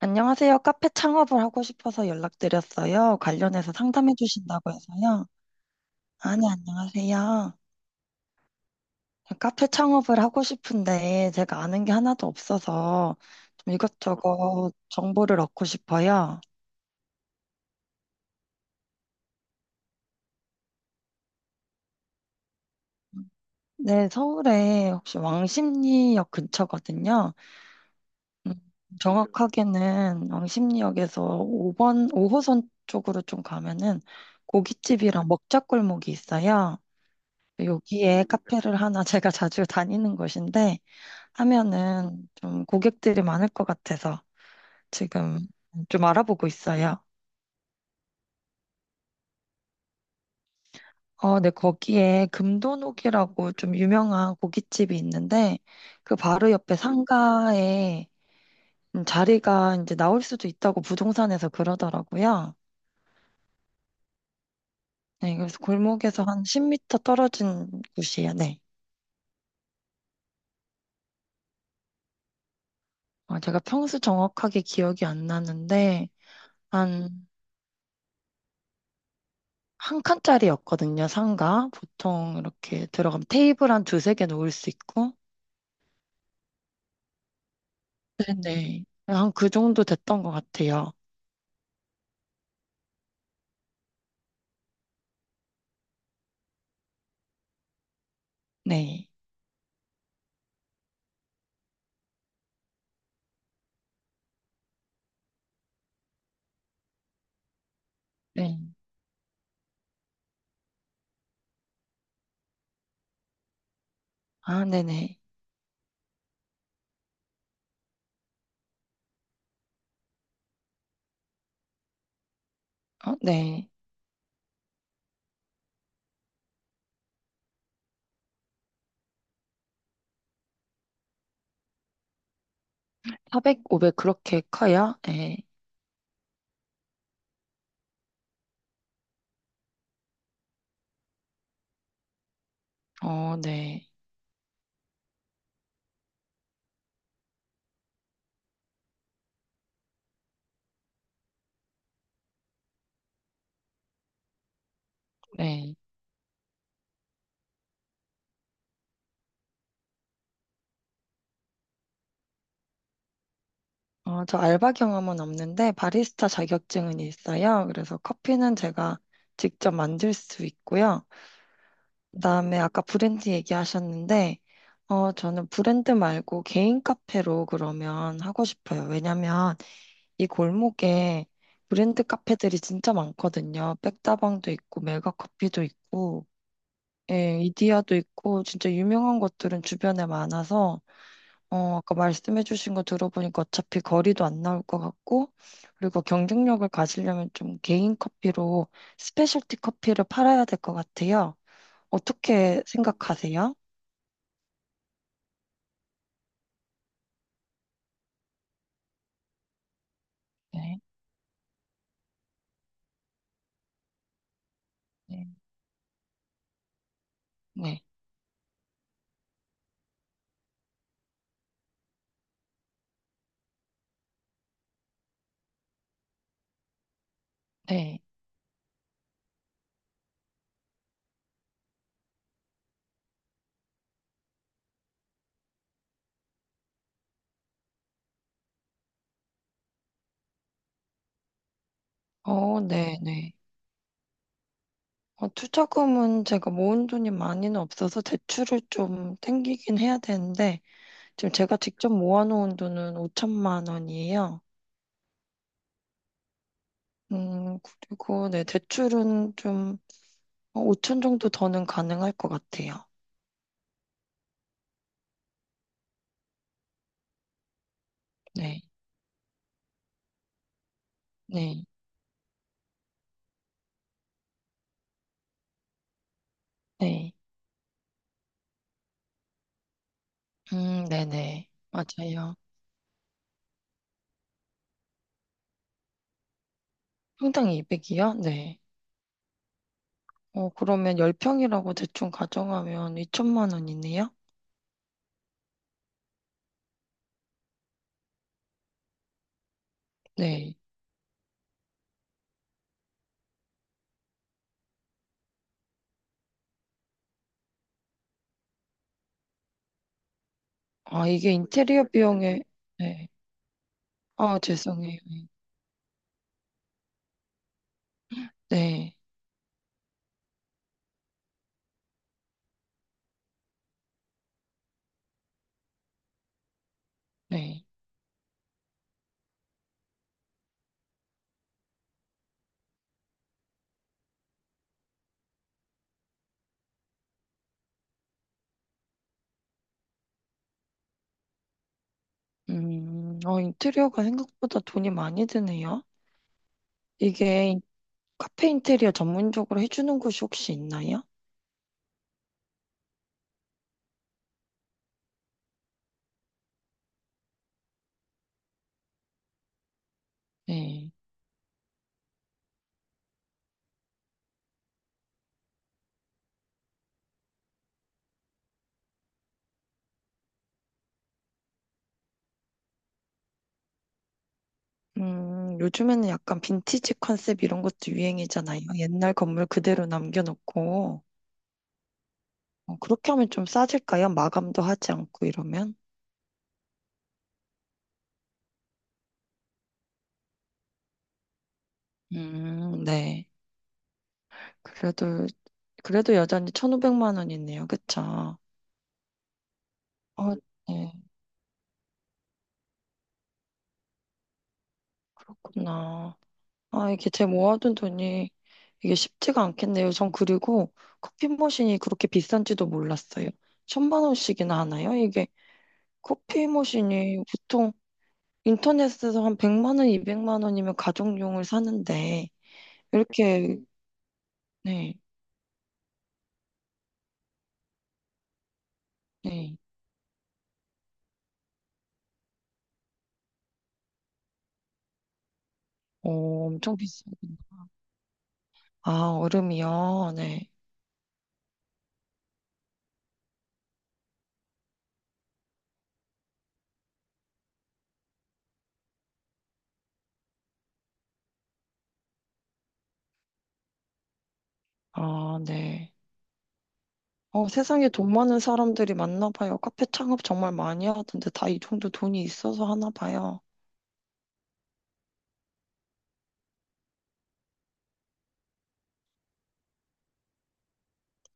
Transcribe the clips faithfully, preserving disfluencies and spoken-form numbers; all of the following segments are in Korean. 안녕하세요. 카페 창업을 하고 싶어서 연락드렸어요. 관련해서 상담해 주신다고 해서요. 아니, 안녕하세요. 카페 창업을 하고 싶은데 제가 아는 게 하나도 없어서 좀 이것저것 정보를 얻고 싶어요. 네, 서울에 혹시 왕십리역 근처거든요. 음, 정확하게는 왕십리역에서 오 번, 오 호선 쪽으로 좀 가면은 고깃집이랑 먹자골목이 있어요. 여기에 카페를 하나 제가 자주 다니는 곳인데 하면은 좀 고객들이 많을 것 같아서 지금 좀 알아보고 있어요. 어, 네, 거기에 금도녹이라고 좀 유명한 고깃집이 있는데 그 바로 옆에 상가에 음, 자리가 이제 나올 수도 있다고 부동산에서 그러더라고요. 네, 그래서 골목에서 한 십 미터 떨어진 곳이에요. 네. 어, 제가 평수 정확하게 기억이 안 나는데 한 한 칸짜리였거든요, 상가. 보통 이렇게 들어가면 테이블 한 두세 개 놓을 수 있고. 네네. 한 그 정도 됐던 것 같아요. 네. 네. 아, 네네. 어, 네. 사백, 오백 그렇게 커요? 네. 어, 네. 네. 어, 저 알바 경험은 없는데 바리스타 자격증은 있어요. 그래서 커피는 제가 직접 만들 수 있고요. 그다음에 아까 브랜드 얘기하셨는데, 어, 저는 브랜드 말고 개인 카페로 그러면 하고 싶어요. 왜냐면 이 골목에 브랜드 카페들이 진짜 많거든요. 백다방도 있고, 메가커피도 있고, 예, 이디야도 있고, 진짜 유명한 것들은 주변에 많아서, 어, 아까 말씀해주신 거 들어보니까 어차피 거리도 안 나올 것 같고, 그리고 경쟁력을 가지려면 좀 개인 커피로 스페셜티 커피를 팔아야 될 것 같아요. 어떻게 생각하세요? 네, 네, 네, 네. 어, 네, 네. 어, 투자금은 제가 모은 돈이 많이는 없어서 대출을 좀 땡기긴 해야 되는데, 지금 제가 직접 모아놓은 돈은 오천만 원이에요. 음, 그리고 네, 대출은 좀 오천 정도 더는 가능할 것 같아요. 네, 네, 네. 음, 네네. 맞아요. 평당 이백이요? 네. 어, 그러면 십 평이라고 대충 가정하면 이천만 원이네요? 네. 아, 이게 인테리어 비용에, 네. 아, 죄송해요. 네, 네. 음, 어, 인테리어가 생각보다 돈이 많이 드네요. 이게 인- 카페 인테리어 전문적으로 해주는 곳이 혹시 있나요? 네. 음, 요즘에는 약간 빈티지 컨셉 이런 것도 유행이잖아요. 옛날 건물 그대로 남겨놓고. 어, 그렇게 하면 좀 싸질까요? 마감도 하지 않고 이러면? 음, 네. 그래도, 그래도 여전히 천오백만 원이네요. 그쵸? 어, 네. 그렇구나. 아, 이게 제 모아둔 돈이 이게 쉽지가 않겠네요. 전 그리고 커피 머신이 그렇게 비싼지도 몰랐어요. 천만 원씩이나 하나요? 이게 커피 머신이 보통 인터넷에서 한 백만 원, 이백만 원이면 가정용을 사는데 이렇게 네, 네. 어, 엄청 비싸군요. 아, 얼음이요? 네. 아, 네. 어, 세상에 돈 많은 사람들이 많나 봐요. 카페 창업 정말 많이 하던데 다 이 정도 돈이 있어서 하나 봐요.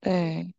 네.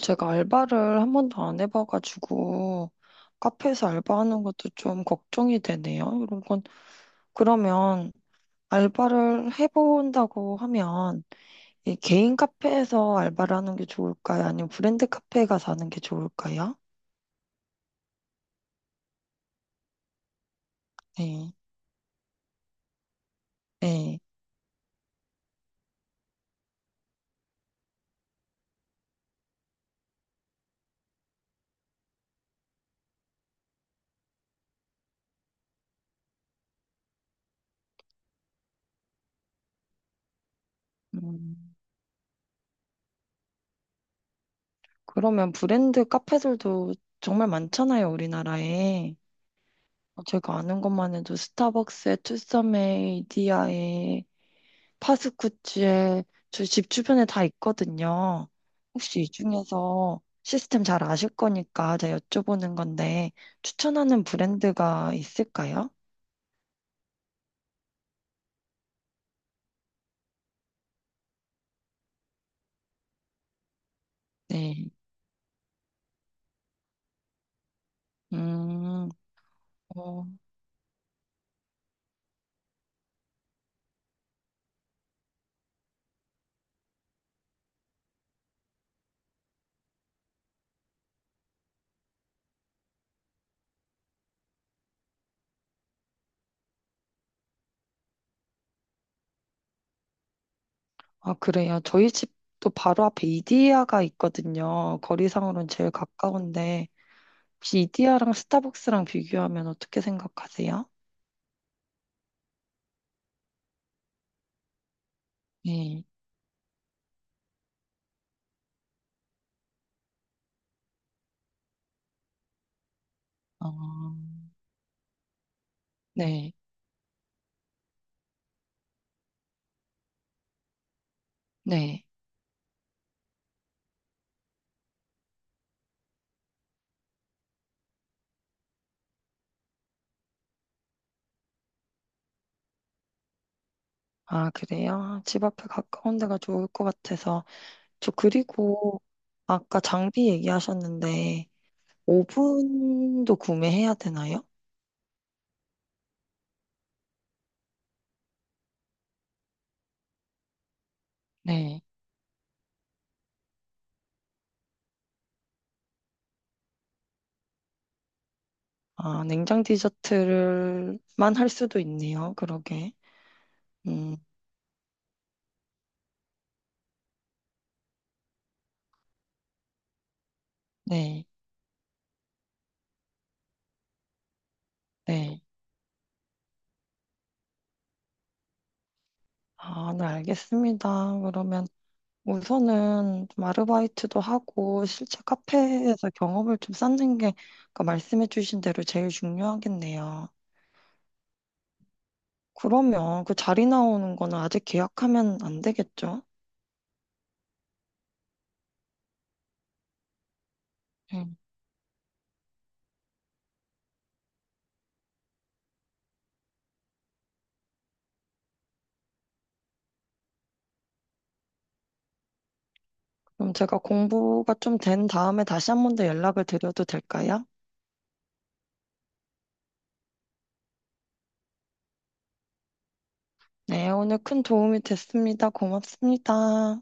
제가 알바를 한 번도 안 해봐가지고 카페에서 알바하는 것도 좀 걱정이 되네요. 이런 건 그러면 알바를 해본다고 하면 이 개인 카페에서 알바를 하는 게 좋을까요? 아니면 브랜드 카페에 가서 하는 게 좋을까요? 네, 네. 음, 그러면 브랜드 카페들도 정말 많잖아요, 우리나라에. 제가 아는 것만 해도 스타벅스에, 투썸에, 이디야에 파스쿠치에 저희 집 주변에 다 있거든요. 혹시 이 중에서 시스템 잘 아실 거니까 제가 여쭤보는 건데 추천하는 브랜드가 있을까요? 네. 음, 어, 아, 그래요. 저희 집도 바로 앞에 이디야가 있거든요. 거리상으로는 제일 가까운데 혹시 이디야랑 스타벅스랑 비교하면 어떻게 생각하세요? 네. 어, 네. 네. 아, 그래요? 집 앞에 가까운 데가 좋을 것 같아서. 저 그리고 아까 장비 얘기하셨는데 오븐도 구매해야 되나요? 네. 아, 냉장 디저트를만 할 수도 있네요. 그러게. 음, 네. 네. 아, 네, 알겠습니다. 그러면 우선은 좀 아르바이트도 하고 실제 카페에서 경험을 좀 쌓는 게 아까 말씀해 주신 대로 제일 중요하겠네요. 그러면 그 자리 나오는 거는 아직 계약하면 안 되겠죠? 그럼 제가 공부가 좀 된 다음에 다시 한 번 더 연락을 드려도 될까요? 네, 오늘 큰 도움이 됐습니다. 고맙습니다.